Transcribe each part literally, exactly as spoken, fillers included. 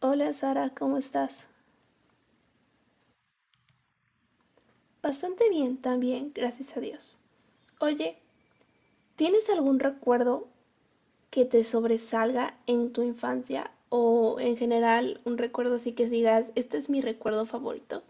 Hola Sara, ¿cómo estás? Bastante bien también, gracias a Dios. Oye, ¿tienes algún recuerdo que te sobresalga en tu infancia o en general un recuerdo así que digas, este es mi recuerdo favorito?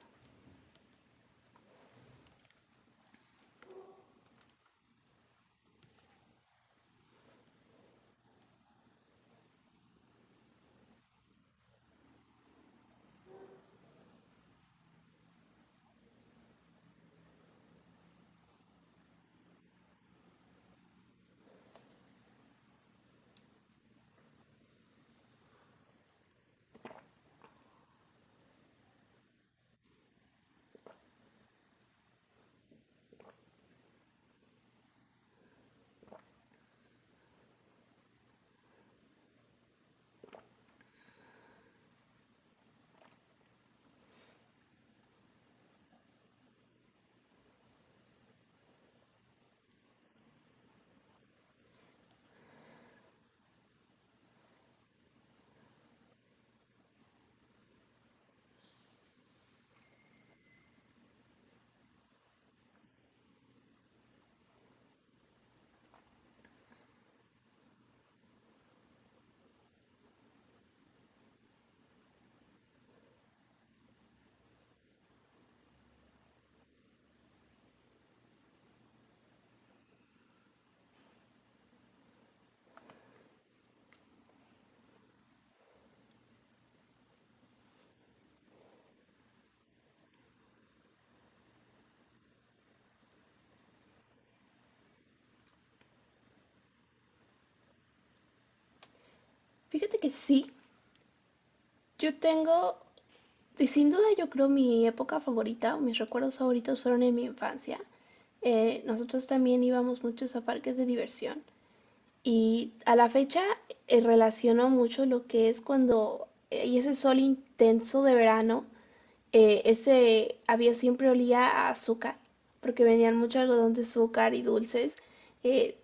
Fíjate que sí, yo tengo, y sin duda yo creo mi época favorita o mis recuerdos favoritos fueron en mi infancia. Eh, nosotros también íbamos muchos a parques de diversión y a la fecha eh, relaciono mucho lo que es cuando hay ese sol intenso de verano, eh, ese había siempre olía a azúcar, porque venían mucho algodón de azúcar y dulces. Eh,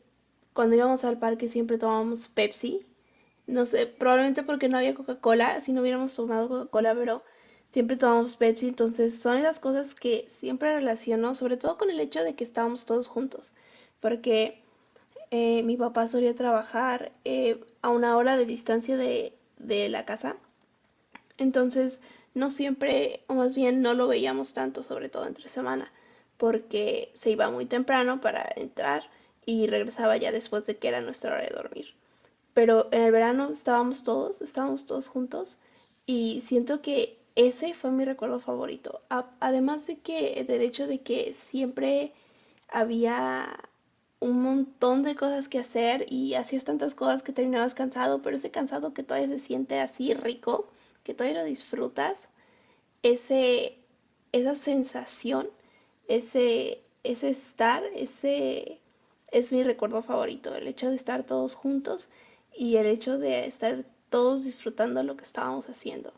Cuando íbamos al parque siempre tomábamos Pepsi, no sé, probablemente porque no había Coca-Cola, si no hubiéramos tomado Coca-Cola, pero siempre tomamos Pepsi, entonces son esas cosas que siempre relaciono, sobre todo con el hecho de que estábamos todos juntos, porque eh, mi papá solía trabajar eh, a una hora de distancia de, de la casa, entonces no siempre, o más bien no lo veíamos tanto, sobre todo entre semana, porque se iba muy temprano para entrar y regresaba ya después de que era nuestra hora de dormir, pero en el verano estábamos todos, estábamos todos juntos y siento que ese fue mi recuerdo favorito. A- además de que, del hecho de que siempre había un montón de cosas que hacer y hacías tantas cosas que terminabas cansado, pero ese cansado que todavía se siente así rico, que todavía lo disfrutas, ese, esa sensación, ese, ese estar, ese es mi recuerdo favorito, el hecho de estar todos juntos y el hecho de estar todos disfrutando lo que estábamos haciendo.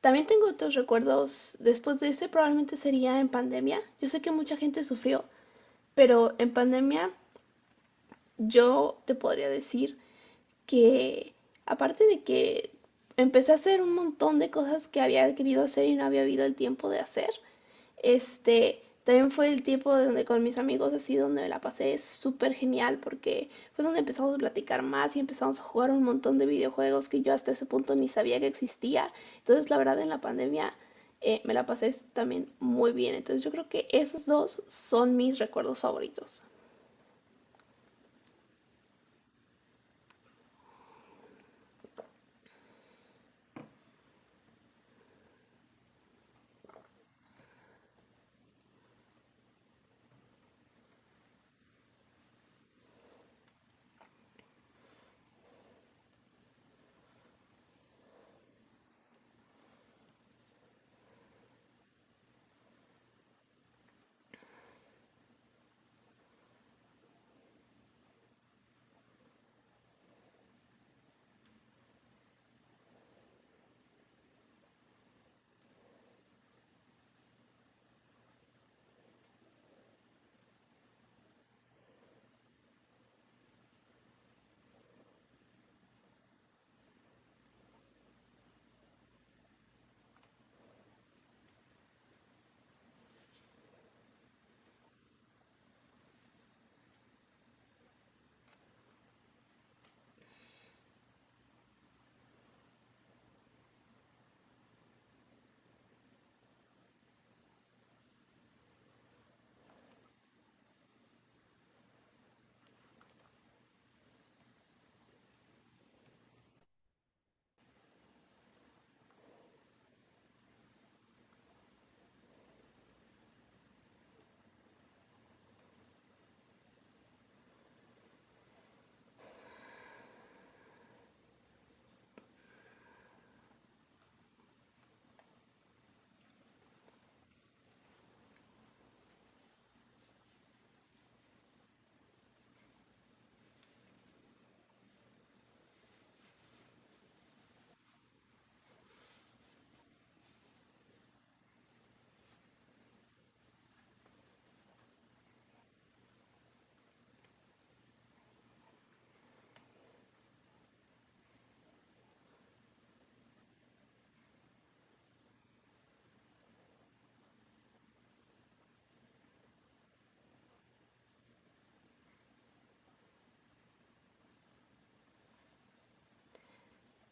También tengo otros recuerdos después de ese, probablemente sería en pandemia. Yo sé que mucha gente sufrió, pero en pandemia yo te podría decir que aparte de que empecé a hacer un montón de cosas que había querido hacer y no había habido el tiempo de hacer, este, también fue el tiempo donde con mis amigos así donde me la pasé súper genial porque fue donde empezamos a platicar más y empezamos a jugar un montón de videojuegos que yo hasta ese punto ni sabía que existía. Entonces, la verdad, en la pandemia eh, me la pasé también muy bien. Entonces, yo creo que esos dos son mis recuerdos favoritos.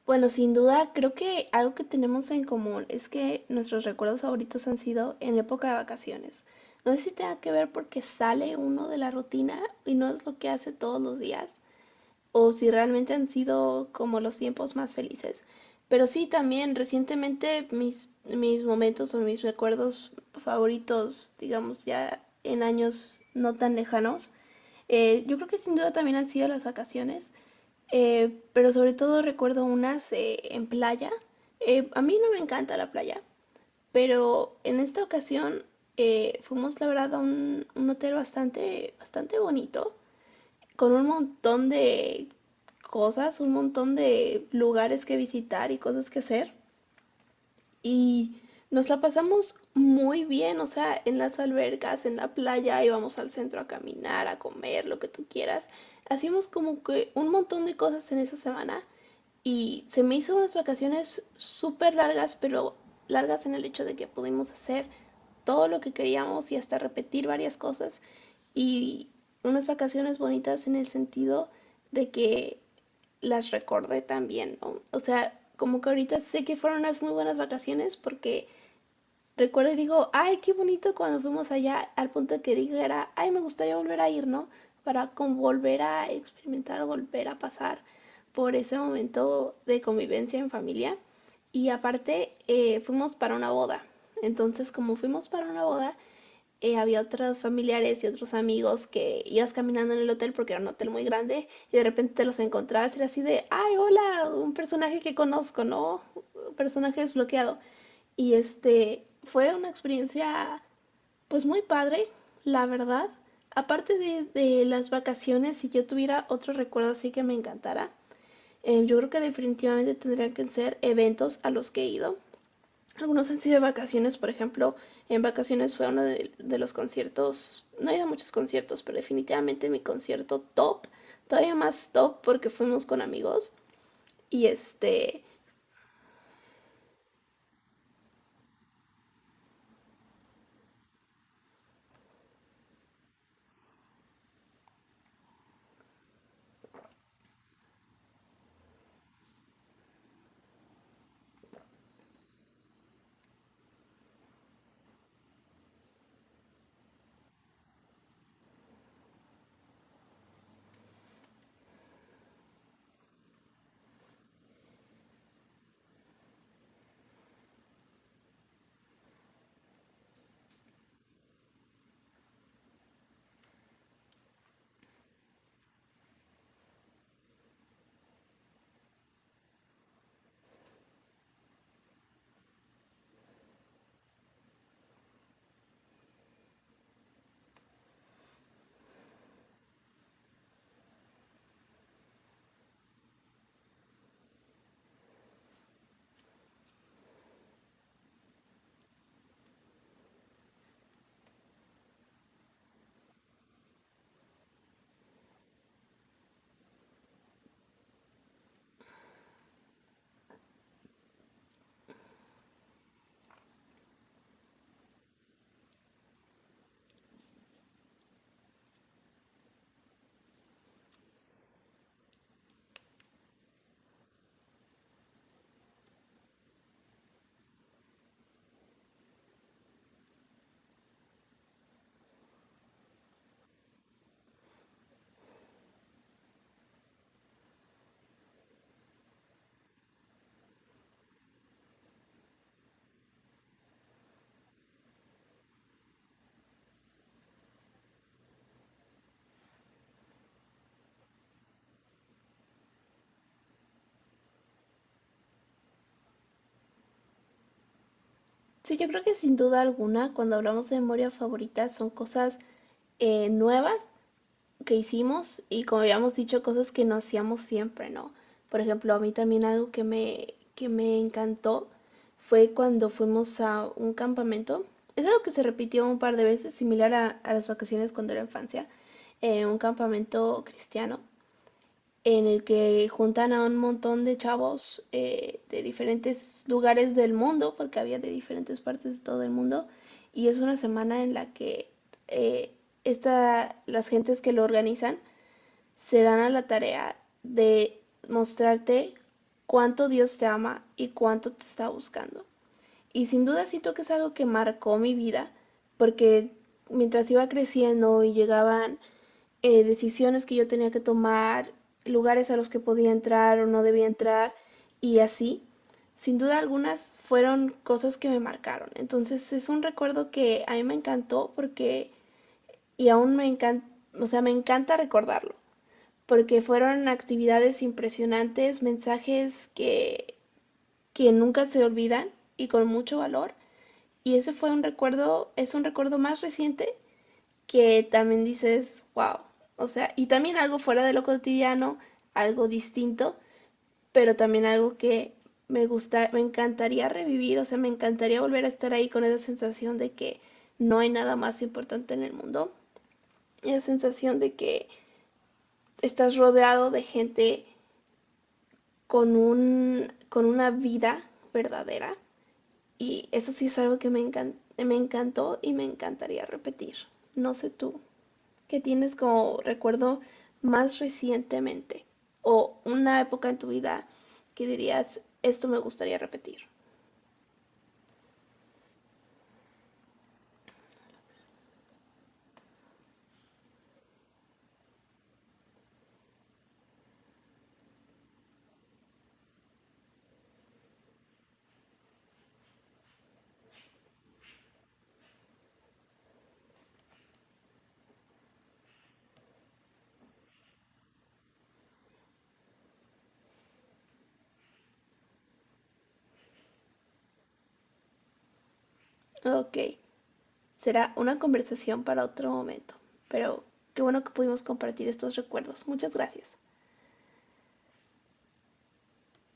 Bueno, sin duda, creo que algo que tenemos en común es que nuestros recuerdos favoritos han sido en época de vacaciones. No sé si tenga que ver porque sale uno de la rutina y no es lo que hace todos los días, o si realmente han sido como los tiempos más felices. Pero sí, también recientemente mis, mis momentos o mis recuerdos favoritos, digamos ya en años no tan lejanos, eh, yo creo que sin duda también han sido las vacaciones. Eh, pero sobre todo recuerdo unas eh, en playa. Eh, a mí no me encanta la playa, pero en esta ocasión eh, fuimos, la verdad, a un, un hotel bastante, bastante bonito, con un montón de cosas, un montón de lugares que visitar y cosas que hacer. Y nos la pasamos muy bien, o sea, en las albercas, en la playa, íbamos al centro a caminar, a comer, lo que tú quieras. Hacíamos como que un montón de cosas en esa semana y se me hizo unas vacaciones súper largas, pero largas en el hecho de que pudimos hacer todo lo que queríamos y hasta repetir varias cosas. Y unas vacaciones bonitas en el sentido de que las recordé también, ¿no? O sea, como que ahorita sé que fueron unas muy buenas vacaciones porque recuerdo y digo, ay, qué bonito cuando fuimos allá, al punto de que dijera, ay, me gustaría volver a ir, ¿no? Para con volver a experimentar, volver a pasar por ese momento de convivencia en familia. Y aparte, eh, fuimos para una boda. Entonces, como fuimos para una boda, eh, había otros familiares y otros amigos que ibas caminando en el hotel porque era un hotel muy grande y de repente te los encontrabas y era así de, ay, hola, un personaje que conozco, ¿no? Un personaje desbloqueado. Y este fue una experiencia pues muy padre, la verdad. Aparte de, de las vacaciones, si yo tuviera otro recuerdo así que me encantara, eh, yo creo que definitivamente tendrían que ser eventos a los que he ido. Algunos han sido de vacaciones, por ejemplo, en vacaciones fue uno de, de los conciertos, no he ido a muchos conciertos, pero definitivamente mi concierto top, todavía más top porque fuimos con amigos. Y este, sí, yo creo que sin duda alguna, cuando hablamos de memoria favorita, son cosas eh, nuevas que hicimos y como habíamos dicho, cosas que no hacíamos siempre, ¿no? Por ejemplo, a mí también algo que me, que me encantó fue cuando fuimos a un campamento. Es algo que se repitió un par de veces, similar a, a las vacaciones cuando era infancia, eh, un campamento cristiano en el que juntan a un montón de chavos eh, de diferentes lugares del mundo, porque había de diferentes partes de todo el mundo, y es una semana en la que eh, esta- las gentes que lo organizan se dan a la tarea de mostrarte cuánto Dios te ama y cuánto te está buscando. Y sin duda siento que es algo que marcó mi vida, porque mientras iba creciendo y llegaban eh, decisiones que yo tenía que tomar, lugares a los que podía entrar o no debía entrar y así. Sin duda algunas fueron cosas que me marcaron. Entonces es un recuerdo que a mí me encantó porque y aún me encanta, o sea, me encanta recordarlo, porque fueron actividades impresionantes, mensajes que que nunca se olvidan y con mucho valor. Y ese fue un recuerdo, es un recuerdo más reciente que también dices, wow, o sea, y también algo fuera de lo cotidiano, algo distinto, pero también algo que me gusta, me encantaría revivir, o sea, me encantaría volver a estar ahí con esa sensación de que no hay nada más importante en el mundo, esa sensación de que estás rodeado de gente con un con una vida verdadera y eso sí es algo que me encan- me encantó y me encantaría repetir. No sé tú. ¿Que tienes como recuerdo más recientemente? O una época en tu vida que dirías, esto me gustaría repetir. Ok, será una conversación para otro momento, pero qué bueno que pudimos compartir estos recuerdos. Muchas gracias.